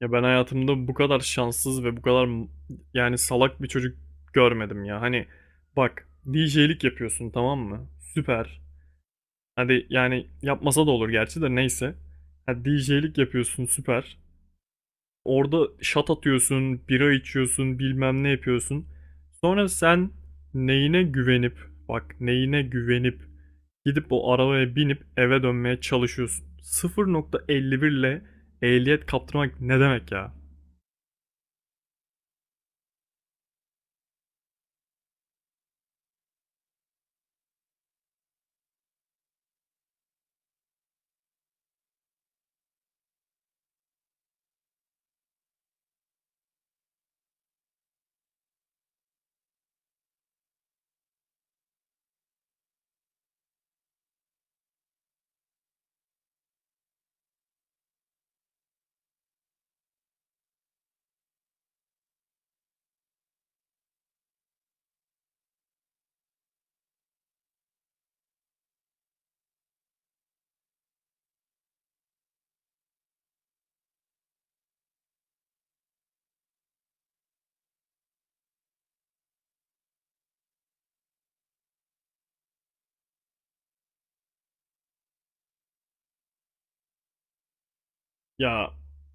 Ya ben hayatımda bu kadar şanssız ve bu kadar yani salak bir çocuk görmedim ya. Hani bak, DJ'lik yapıyorsun, tamam mı? Süper. Hadi yani yapmasa da olur gerçi de neyse. Ha, DJ'lik yapıyorsun, süper. Orada şat atıyorsun, bira içiyorsun, bilmem ne yapıyorsun. Sonra sen neyine güvenip, bak neyine güvenip gidip o arabaya binip eve dönmeye çalışıyorsun. 0,51 ile ehliyet kaptırmak ne demek ya? Ya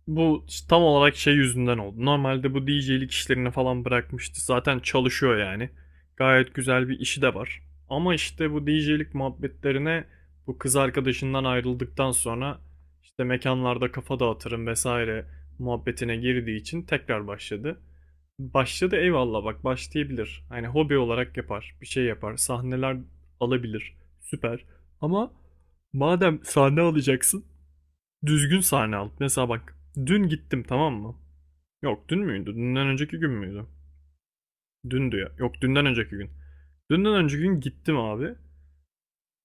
bu işte tam olarak şey yüzünden oldu. Normalde bu DJ'lik işlerini falan bırakmıştı. Zaten çalışıyor yani. Gayet güzel bir işi de var. Ama işte bu DJ'lik muhabbetlerine bu kız arkadaşından ayrıldıktan sonra işte mekanlarda kafa dağıtırım vesaire muhabbetine girdiği için tekrar başladı. Başladı, eyvallah, bak başlayabilir. Hani hobi olarak yapar, bir şey yapar, sahneler alabilir. Süper. Ama madem sahne alacaksın düzgün sahne al. Mesela bak, dün gittim, tamam mı? Yok, dün müydü? Dünden önceki gün müydü? Dündü ya. Yok, dünden önceki gün. Dünden önceki gün gittim abi.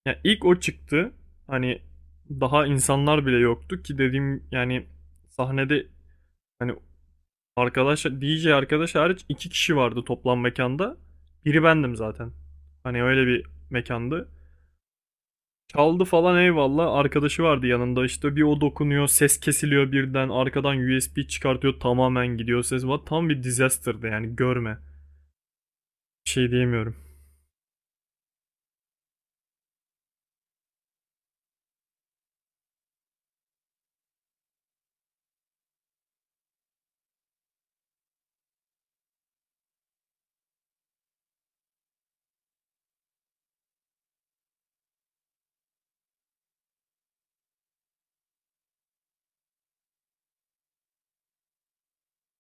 Yani ilk o çıktı. Hani daha insanlar bile yoktu ki dediğim yani, sahnede, hani arkadaş DJ, arkadaş hariç iki kişi vardı toplam mekanda. Biri bendim zaten. Hani öyle bir mekandı. Çaldı falan, eyvallah. Arkadaşı vardı yanında. İşte bir o dokunuyor, ses kesiliyor birden. Arkadan USB çıkartıyor, tamamen gidiyor ses. Tam bir disaster'dı yani görme. Bir şey diyemiyorum.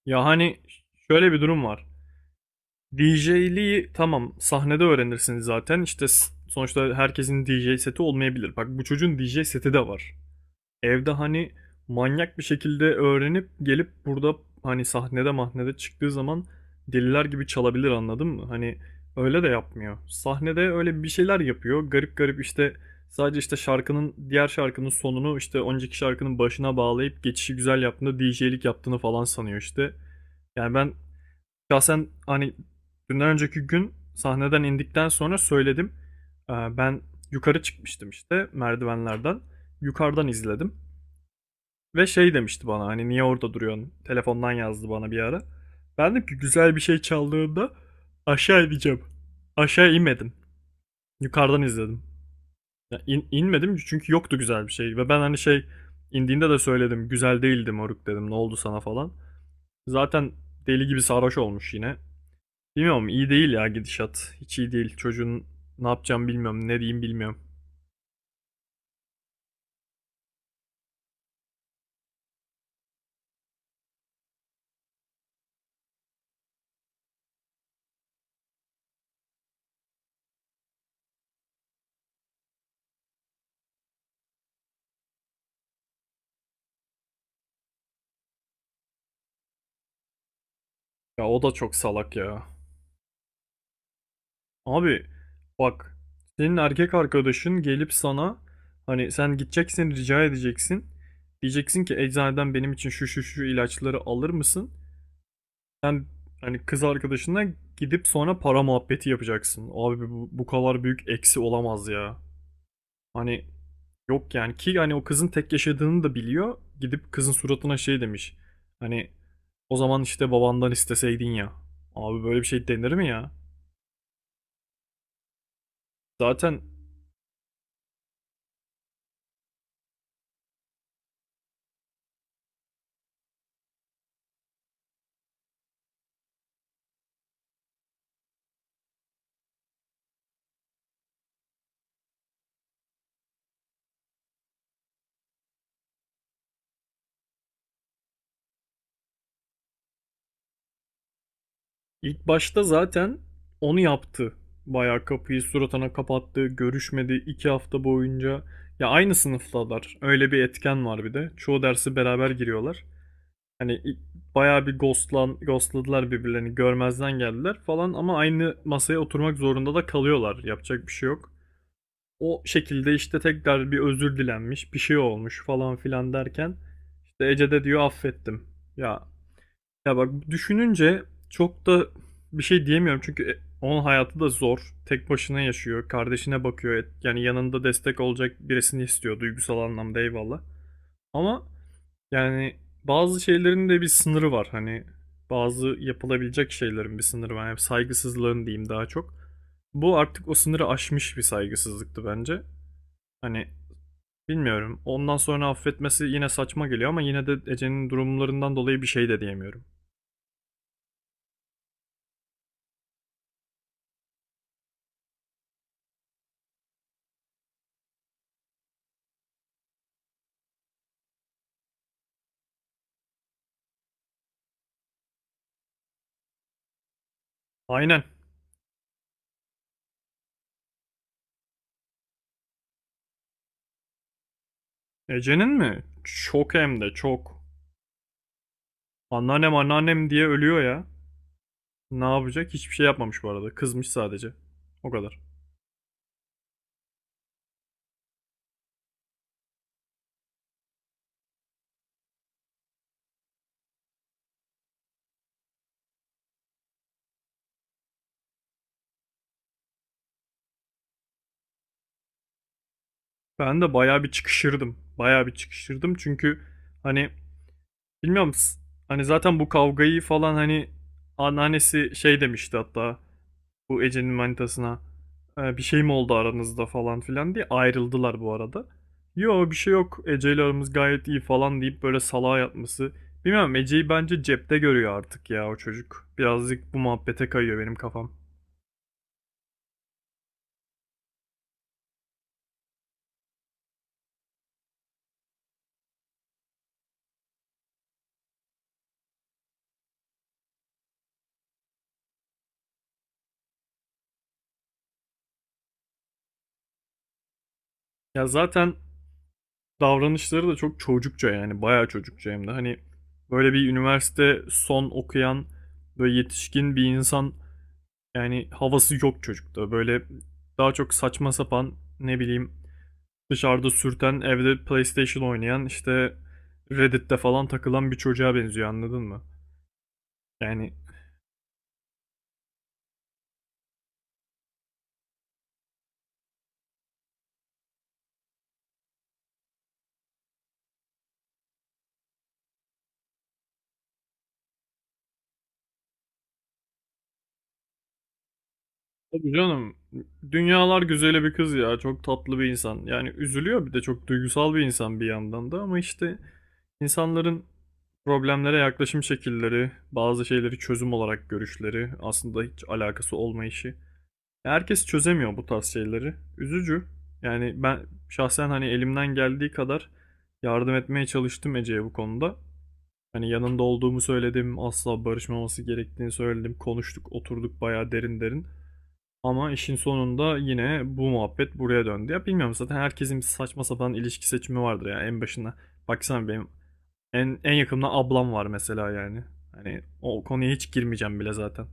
Ya hani şöyle bir durum var. DJ'liği tamam sahnede öğrenirsiniz zaten. İşte sonuçta herkesin DJ seti olmayabilir. Bak bu çocuğun DJ seti de var. Evde hani manyak bir şekilde öğrenip gelip burada hani sahnede mahnede çıktığı zaman deliler gibi çalabilir, anladın mı? Hani öyle de yapmıyor. Sahnede öyle bir şeyler yapıyor. Garip garip işte, sadece işte şarkının, diğer şarkının sonunu işte önceki şarkının başına bağlayıp geçişi güzel yaptığında DJ'lik yaptığını falan sanıyor işte. Yani ben şahsen hani dünden önceki gün sahneden indikten sonra söyledim. Ben yukarı çıkmıştım işte merdivenlerden. Yukarıdan izledim. Ve şey demişti bana, hani niye orada duruyorsun? Telefondan yazdı bana bir ara. Ben dedim ki güzel bir şey çaldığında aşağı ineceğim. Aşağı inmedim. Yukarıdan izledim. Ya inmedim çünkü yoktu güzel bir şey. Ve ben hani şey, indiğinde de söyledim. Güzel değildi moruk dedim. Ne oldu sana falan. Zaten deli gibi sarhoş olmuş yine. Bilmiyorum, iyi değil ya gidişat. Hiç iyi değil. Çocuğun ne yapacağım bilmiyorum. Ne diyeyim bilmiyorum. Ya o da çok salak ya. Abi bak, senin erkek arkadaşın gelip sana, hani sen gideceksin rica edeceksin. Diyeceksin ki eczaneden benim için şu şu şu ilaçları alır mısın? Sen hani kız arkadaşına gidip sonra para muhabbeti yapacaksın. Abi bu kadar büyük eksi olamaz ya. Hani yok yani ki, hani o kızın tek yaşadığını da biliyor. Gidip kızın suratına şey demiş. Hani o zaman işte babandan isteseydin ya. Abi böyle bir şey denir mi ya? Zaten İlk başta zaten onu yaptı. Bayağı kapıyı suratına kapattı, görüşmedi 2 hafta boyunca. Ya aynı sınıftalar. Öyle bir etken var bir de. Çoğu dersi beraber giriyorlar. Hani bayağı bir ghostladılar birbirlerini. Görmezden geldiler falan ama aynı masaya oturmak zorunda da kalıyorlar. Yapacak bir şey yok. O şekilde işte tekrar bir özür dilenmiş, bir şey olmuş falan filan derken işte Ece de diyor affettim. Ya, ya bak, düşününce çok da bir şey diyemiyorum çünkü onun hayatı da zor. Tek başına yaşıyor, kardeşine bakıyor. Yani yanında destek olacak birisini istiyor duygusal anlamda, eyvallah. Ama yani bazı şeylerin de bir sınırı var. Hani bazı yapılabilecek şeylerin bir sınırı var. Yani saygısızlığın diyeyim daha çok. Bu artık o sınırı aşmış bir saygısızlıktı bence. Hani bilmiyorum. Ondan sonra affetmesi yine saçma geliyor ama yine de Ece'nin durumlarından dolayı bir şey de diyemiyorum. Aynen. Ece'nin mi? Çok, hem de çok. Anneannem, anneannem diye ölüyor ya. Ne yapacak? Hiçbir şey yapmamış bu arada. Kızmış sadece. O kadar. Ben de bayağı bir çıkışırdım. Bayağı bir çıkışırdım çünkü hani bilmiyorum, hani zaten bu kavgayı falan, hani anneannesi şey demişti hatta. Bu Ece'nin manitasına, "E, bir şey mi oldu aranızda" falan filan diye ayrıldılar bu arada. Yo bir şey yok Ece, aramız gayet iyi falan deyip böyle salağa yatması. Bilmem, Ece'yi bence cepte görüyor artık ya o çocuk. Birazcık bu muhabbete kayıyor benim kafam. Ya zaten davranışları da çok çocukça, yani bayağı çocukça hem de, hani böyle bir üniversite son okuyan, böyle yetişkin bir insan, yani havası yok çocukta. Böyle daha çok saçma sapan, ne bileyim, dışarıda sürten, evde PlayStation oynayan, işte Reddit'te falan takılan bir çocuğa benziyor, anladın mı? Yani tabii canım, dünyalar güzeli bir kız ya, çok tatlı bir insan. Yani üzülüyor, bir de çok duygusal bir insan bir yandan da ama işte insanların problemlere yaklaşım şekilleri, bazı şeyleri çözüm olarak görüşleri, aslında hiç alakası olmayışı. Herkes çözemiyor bu tarz şeyleri. Üzücü. Yani ben şahsen hani elimden geldiği kadar yardım etmeye çalıştım Ece'ye bu konuda. Hani yanında olduğumu söyledim, asla barışmaması gerektiğini söyledim. Konuştuk, oturduk bayağı derin derin. Ama işin sonunda yine bu muhabbet buraya döndü. Ya bilmiyorum, zaten herkesin bir saçma sapan ilişki seçimi vardır ya en başına. Baksana benim en yakınımda ablam var mesela yani. Hani o konuya hiç girmeyeceğim bile zaten.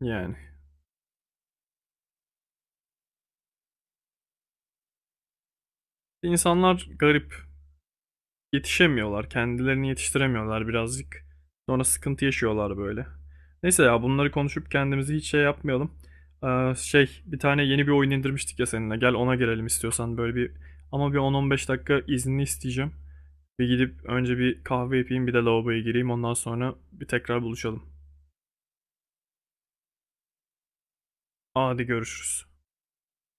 Yani. İnsanlar garip. Yetişemiyorlar. Kendilerini yetiştiremiyorlar birazcık. Sonra sıkıntı yaşıyorlar böyle. Neyse ya, bunları konuşup kendimizi hiç şey yapmayalım. Şey, bir tane yeni bir oyun indirmiştik ya seninle. Gel ona gelelim istiyorsan, böyle bir, ama bir 10-15 dakika izni isteyeceğim. Bir gidip önce bir kahve yapayım, bir de lavaboya gireyim, ondan sonra bir tekrar buluşalım. Hadi görüşürüz.